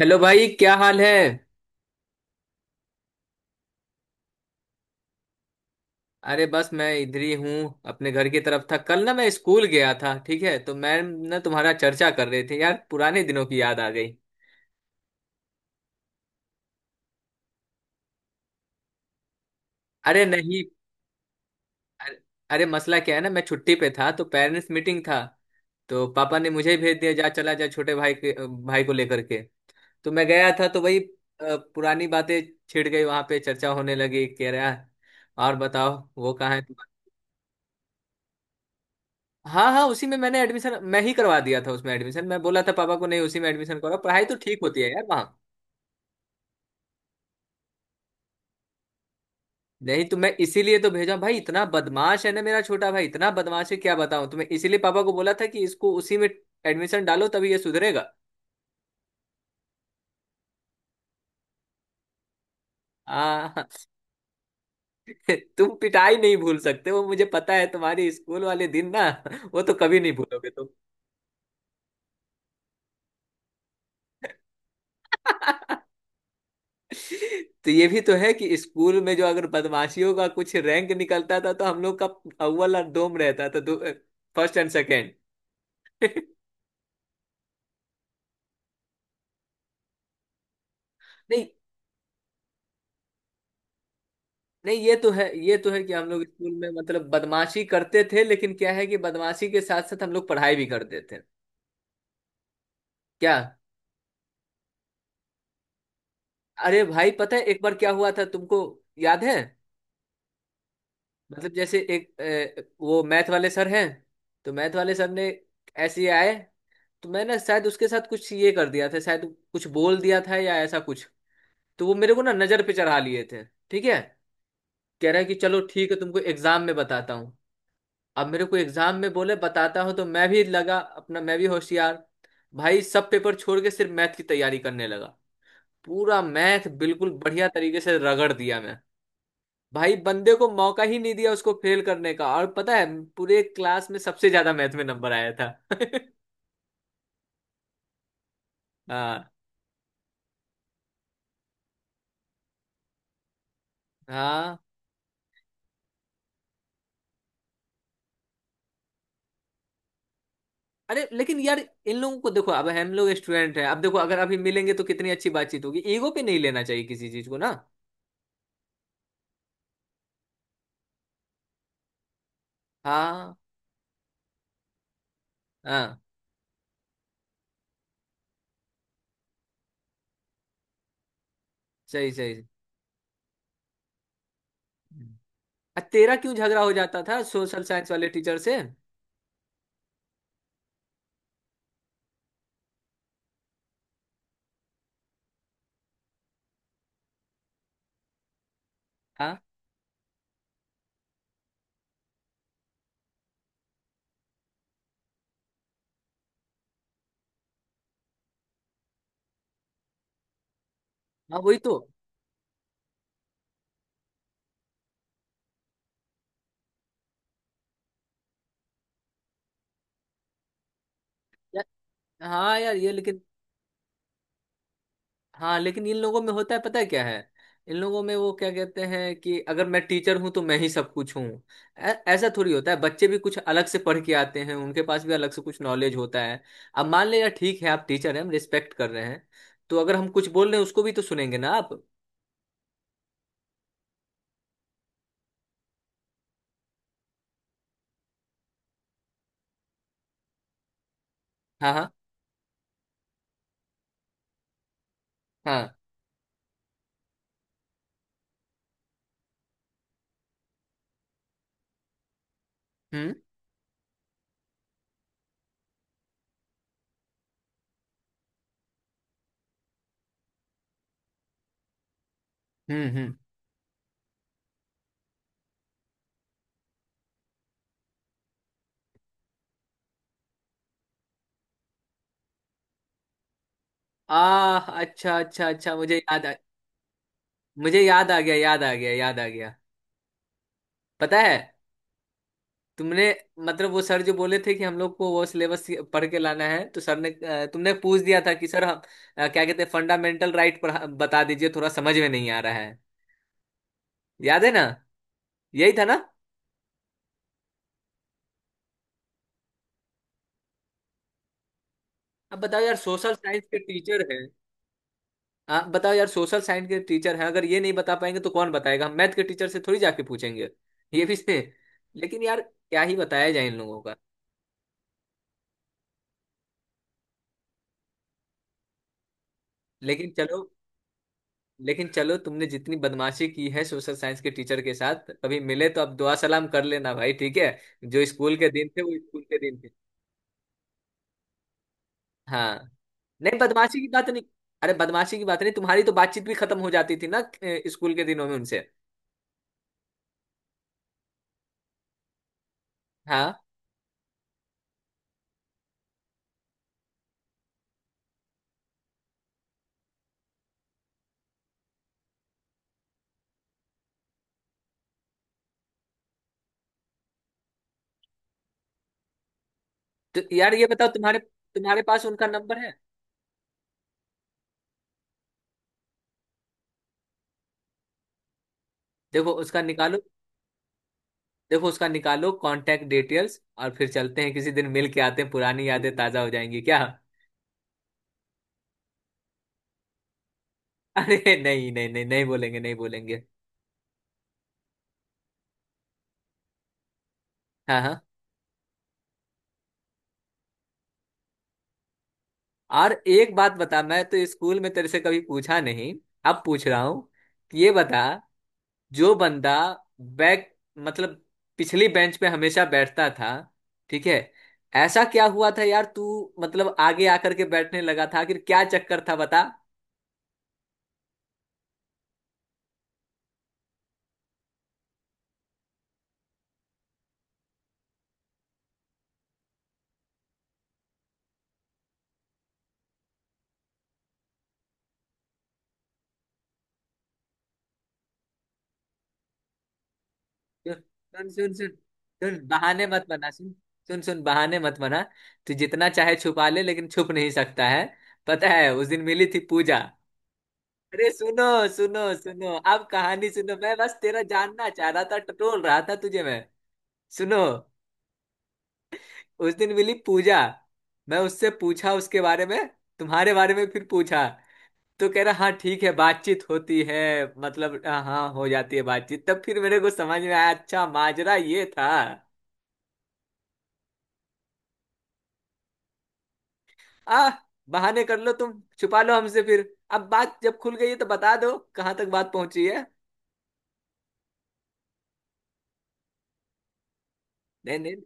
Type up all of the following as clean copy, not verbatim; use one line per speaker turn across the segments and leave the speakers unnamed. Hello भाई, क्या हाल है? अरे बस मैं इधर ही हूँ, अपने घर की तरफ था। कल ना मैं स्कूल गया था, ठीक है? तो मैम ना, तुम्हारा चर्चा कर रहे थे यार। पुराने दिनों की याद आ गई। अरे नहीं। अरे। अरे मसला क्या है ना, मैं छुट्टी पे था तो पेरेंट्स मीटिंग था। तो पापा ने मुझे ही भेज दिया, जा चला जा छोटे भाई के, भाई को लेकर के। तो मैं गया था तो वही पुरानी बातें छिड़ गई। वहां पे चर्चा होने लगी। कह रहा, और बताओ वो कहाँ है। हाँ हाँ, उसी में मैंने एडमिशन मैं ही करवा दिया था उसमें। एडमिशन मैं बोला था पापा को, नहीं उसी में एडमिशन करो, पढ़ाई तो ठीक होती है यार वहाँ। नहीं तो मैं इसीलिए तो भेजा भाई, इतना बदमाश है ना मेरा छोटा भाई, इतना बदमाश है क्या बताऊँ तुम्हें। इसीलिए पापा को बोला था कि इसको उसी में एडमिशन डालो, तभी ये सुधरेगा। हाँ। तुम पिटाई नहीं भूल सकते, वो मुझे पता है। तुम्हारी स्कूल वाले दिन ना, वो तो कभी नहीं भूलोगे। तुम। तो ये भी तो है कि स्कूल में जो अगर बदमाशियों का कुछ रैंक निकलता था तो हम लोग का अव्वल और दोम रहता था। First and second. नहीं नहीं, ये तो है, ये तो है कि हम लोग स्कूल में मतलब बदमाशी करते थे, लेकिन क्या है कि बदमाशी के साथ साथ हम लोग पढ़ाई भी करते थे। क्या। अरे भाई पता है एक बार क्या हुआ था तुमको, याद है? मतलब जैसे एक वो मैथ वाले सर हैं, तो मैथ वाले सर ने ऐसे ही आए। तो मैं ना शायद उसके साथ कुछ ये कर दिया था शायद, कुछ बोल दिया था या ऐसा कुछ। तो वो मेरे को ना नजर पे चढ़ा लिए थे। ठीक है, कह रहा है कि चलो ठीक है तुमको एग्जाम में बताता हूँ। अब मेरे को एग्जाम में बोले बताता हूँ, तो मैं भी लगा अपना, मैं भी होशियार भाई। सब पेपर छोड़ के सिर्फ मैथ की तैयारी करने लगा। पूरा मैथ बिल्कुल बढ़िया तरीके से रगड़ दिया मैं। भाई, बंदे को मौका ही नहीं दिया उसको फेल करने का। और पता है, पूरे क्लास में सबसे ज्यादा मैथ में नंबर आया था। हाँ। हाँ अरे लेकिन यार, इन लोगों को देखो, अब हम लोग स्टूडेंट हैं। अब देखो अगर अभी मिलेंगे तो कितनी अच्छी बातचीत होगी। ईगो पे नहीं लेना चाहिए किसी चीज को ना। हाँ। हाँ सही सही। तेरा क्यों झगड़ा हो जाता था सोशल साइंस वाले टीचर से? हाँ। हाँ वही तो। यार, हाँ यार ये लेकिन, हाँ लेकिन इन लोगों में होता है, पता है क्या है। इन लोगों में वो क्या कहते हैं कि अगर मैं टीचर हूँ तो मैं ही सब कुछ हूँ। ऐसा थोड़ी होता है, बच्चे भी कुछ अलग से पढ़ के आते हैं, उनके पास भी अलग से कुछ नॉलेज होता है। अब मान लिया ठीक है आप टीचर हैं, हम रिस्पेक्ट कर रहे हैं। तो अगर हम कुछ बोल रहे हैं उसको भी तो सुनेंगे ना आप। हाँ। हाँ हाँ। हम्म हम्म। आ अच्छा अच्छा अच्छा, मुझे याद आ। मुझे याद आ गया, याद आ गया, याद आ गया। पता है तुमने, मतलब वो सर जो बोले थे कि हम लोग को वो सिलेबस पढ़ के लाना है, तो सर ने तुमने पूछ दिया था कि सर हम क्या कहते हैं फंडामेंटल राइट पढ़ा, बता दीजिए थोड़ा समझ में नहीं आ रहा है। याद है ना, यही था ना? अब बताओ यार, सोशल साइंस के टीचर हैं। आप बताओ यार, सोशल साइंस के टीचर हैं, अगर ये नहीं बता पाएंगे तो कौन बताएगा? हम मैथ के टीचर से थोड़ी जाके पूछेंगे। ये भी से। लेकिन यार क्या ही बताया जाए इन लोगों का। लेकिन चलो, लेकिन चलो तुमने जितनी बदमाशी की है सोशल साइंस के टीचर के साथ, कभी मिले तो आप दुआ सलाम कर लेना भाई, ठीक है? जो स्कूल के दिन थे वो स्कूल के दिन थे। हाँ। नहीं बदमाशी की बात नहीं, अरे बदमाशी की बात नहीं। तुम्हारी तो बातचीत भी खत्म हो जाती थी ना स्कूल के दिनों में उनसे। हाँ तो यार ये बताओ, तुम्हारे तुम्हारे पास उनका नंबर है? देखो उसका निकालो। देखो उसका निकालो कांटेक्ट डिटेल्स, और फिर चलते हैं किसी दिन, मिल के आते हैं, पुरानी यादें ताजा हो जाएंगी क्या। अरे नहीं नहीं नहीं नहीं, बोलेंगे नहीं बोलेंगे। हाँ हाँ। और एक बात बता, मैं तो स्कूल में तेरे से कभी पूछा नहीं, अब पूछ रहा हूँ। ये बता, जो बंदा बैक, मतलब पिछली बेंच पे हमेशा बैठता था, ठीक है? ऐसा क्या हुआ था यार तू मतलब आगे आकर के बैठने लगा था? आखिर क्या चक्कर था बता। सुन सुन सुन सुन सुन, बहाने मत बना। सुन सुन सुन, बहाने मत बना। तू जितना चाहे छुपा ले, लेकिन छुप नहीं सकता है। पता है उस दिन मिली थी पूजा। अरे सुनो, सुनो सुनो अब कहानी सुनो, मैं बस तेरा जानना चाह रहा था, टटोल रहा था तुझे मैं। सुनो, उस दिन मिली पूजा, मैं उससे पूछा उसके बारे में, तुम्हारे बारे में फिर पूछा। तो कह रहा हाँ ठीक है, बातचीत होती है। मतलब हाँ हाँ, हो जाती है बातचीत। तब फिर मेरे को समझ में आया, अच्छा माजरा ये था। आ, बहाने कर लो, तुम छुपा लो हमसे फिर। अब बात जब खुल गई है तो बता दो कहाँ तक बात पहुंची है। नहीं नहीं,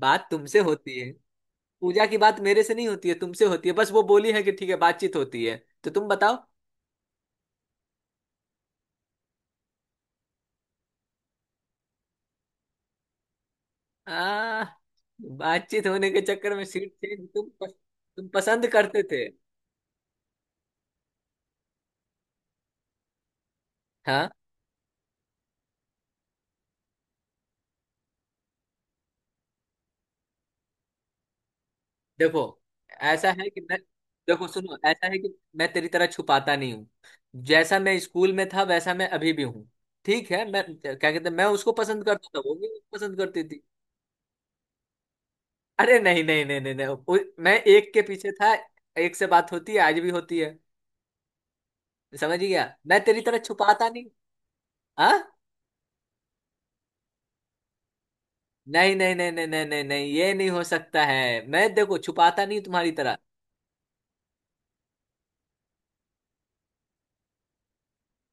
बात तुमसे होती। पूजा की बात मेरे से नहीं होती है, तुमसे होती है। बस वो बोली है कि ठीक है बातचीत होती है। तो तुम बताओ। आ, बातचीत होने के चक्कर में सीट चेंज? तुम पसंद करते थे। हाँ। देखो ऐसा है कि मैं, देखो सुनो ऐसा है कि मैं तेरी तरह छुपाता नहीं हूँ। जैसा मैं स्कूल में था वैसा मैं अभी भी हूँ, ठीक है? मैं क्या कहते हैं, मैं उसको पसंद करता था, वो भी मुझे पसंद करती थी। अरे नहीं नहीं नहीं नहीं नहीं, मैं एक के पीछे था। एक से बात होती है, आज भी होती है। समझ गया, मैं तेरी तरह छुपाता नहीं। आ? नहीं नहीं नहीं नहीं नहीं नहीं नहीं, ये नहीं हो सकता है। मैं देखो छुपाता नहीं तुम्हारी तरह।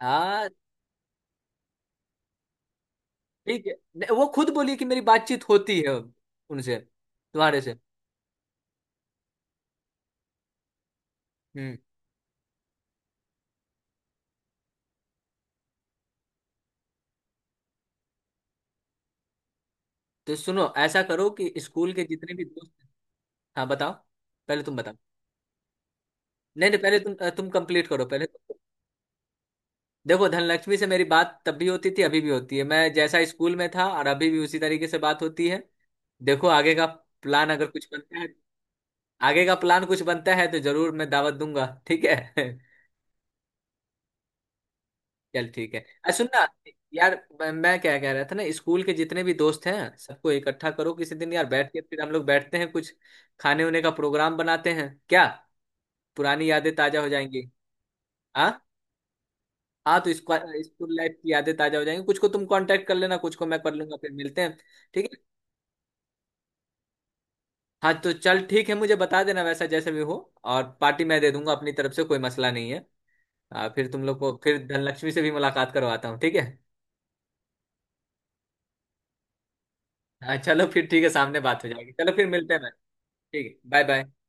हाँ ठीक है। नहीं, वो खुद बोली कि मेरी बातचीत होती है उनसे, तुम्हारे से। हम्म। तो सुनो, ऐसा करो कि स्कूल के जितने भी दोस्त। हाँ बताओ, पहले तुम बताओ। नहीं नहीं, पहले तुम, कंप्लीट करो पहले। देखो धनलक्ष्मी से मेरी बात तब भी होती थी, अभी भी होती है। मैं जैसा स्कूल में था और अभी भी उसी तरीके से बात होती है। देखो आगे का प्लान अगर कुछ बनता है, आगे का प्लान कुछ बनता है तो जरूर मैं दावत दूंगा, ठीक है? चल ठीक है, अरे सुन ना यार। मैं क्या कह रहा था ना, स्कूल के जितने भी दोस्त हैं सबको इकट्ठा करो किसी दिन यार। बैठ के फिर हम लोग बैठते हैं, कुछ खाने उने का प्रोग्राम बनाते हैं क्या? पुरानी यादें ताजा हो जाएंगी। हाँ। हाँ तो स्कूल, स्कूल लाइफ की यादें ताजा हो जाएंगी। कुछ को तुम कांटेक्ट कर लेना, कुछ को मैं कर लूंगा, फिर मिलते हैं, ठीक है? हाँ तो चल ठीक है, मुझे बता देना वैसा जैसे भी हो। और पार्टी मैं दे दूंगा अपनी तरफ से, कोई मसला नहीं है। हाँ, फिर तुम लोग को फिर धनलक्ष्मी से भी मुलाकात करवाता हूँ, ठीक है? हाँ चलो फिर ठीक है, सामने बात हो जाएगी। चलो फिर मिलते हैं। ठीक है, बाय बाय।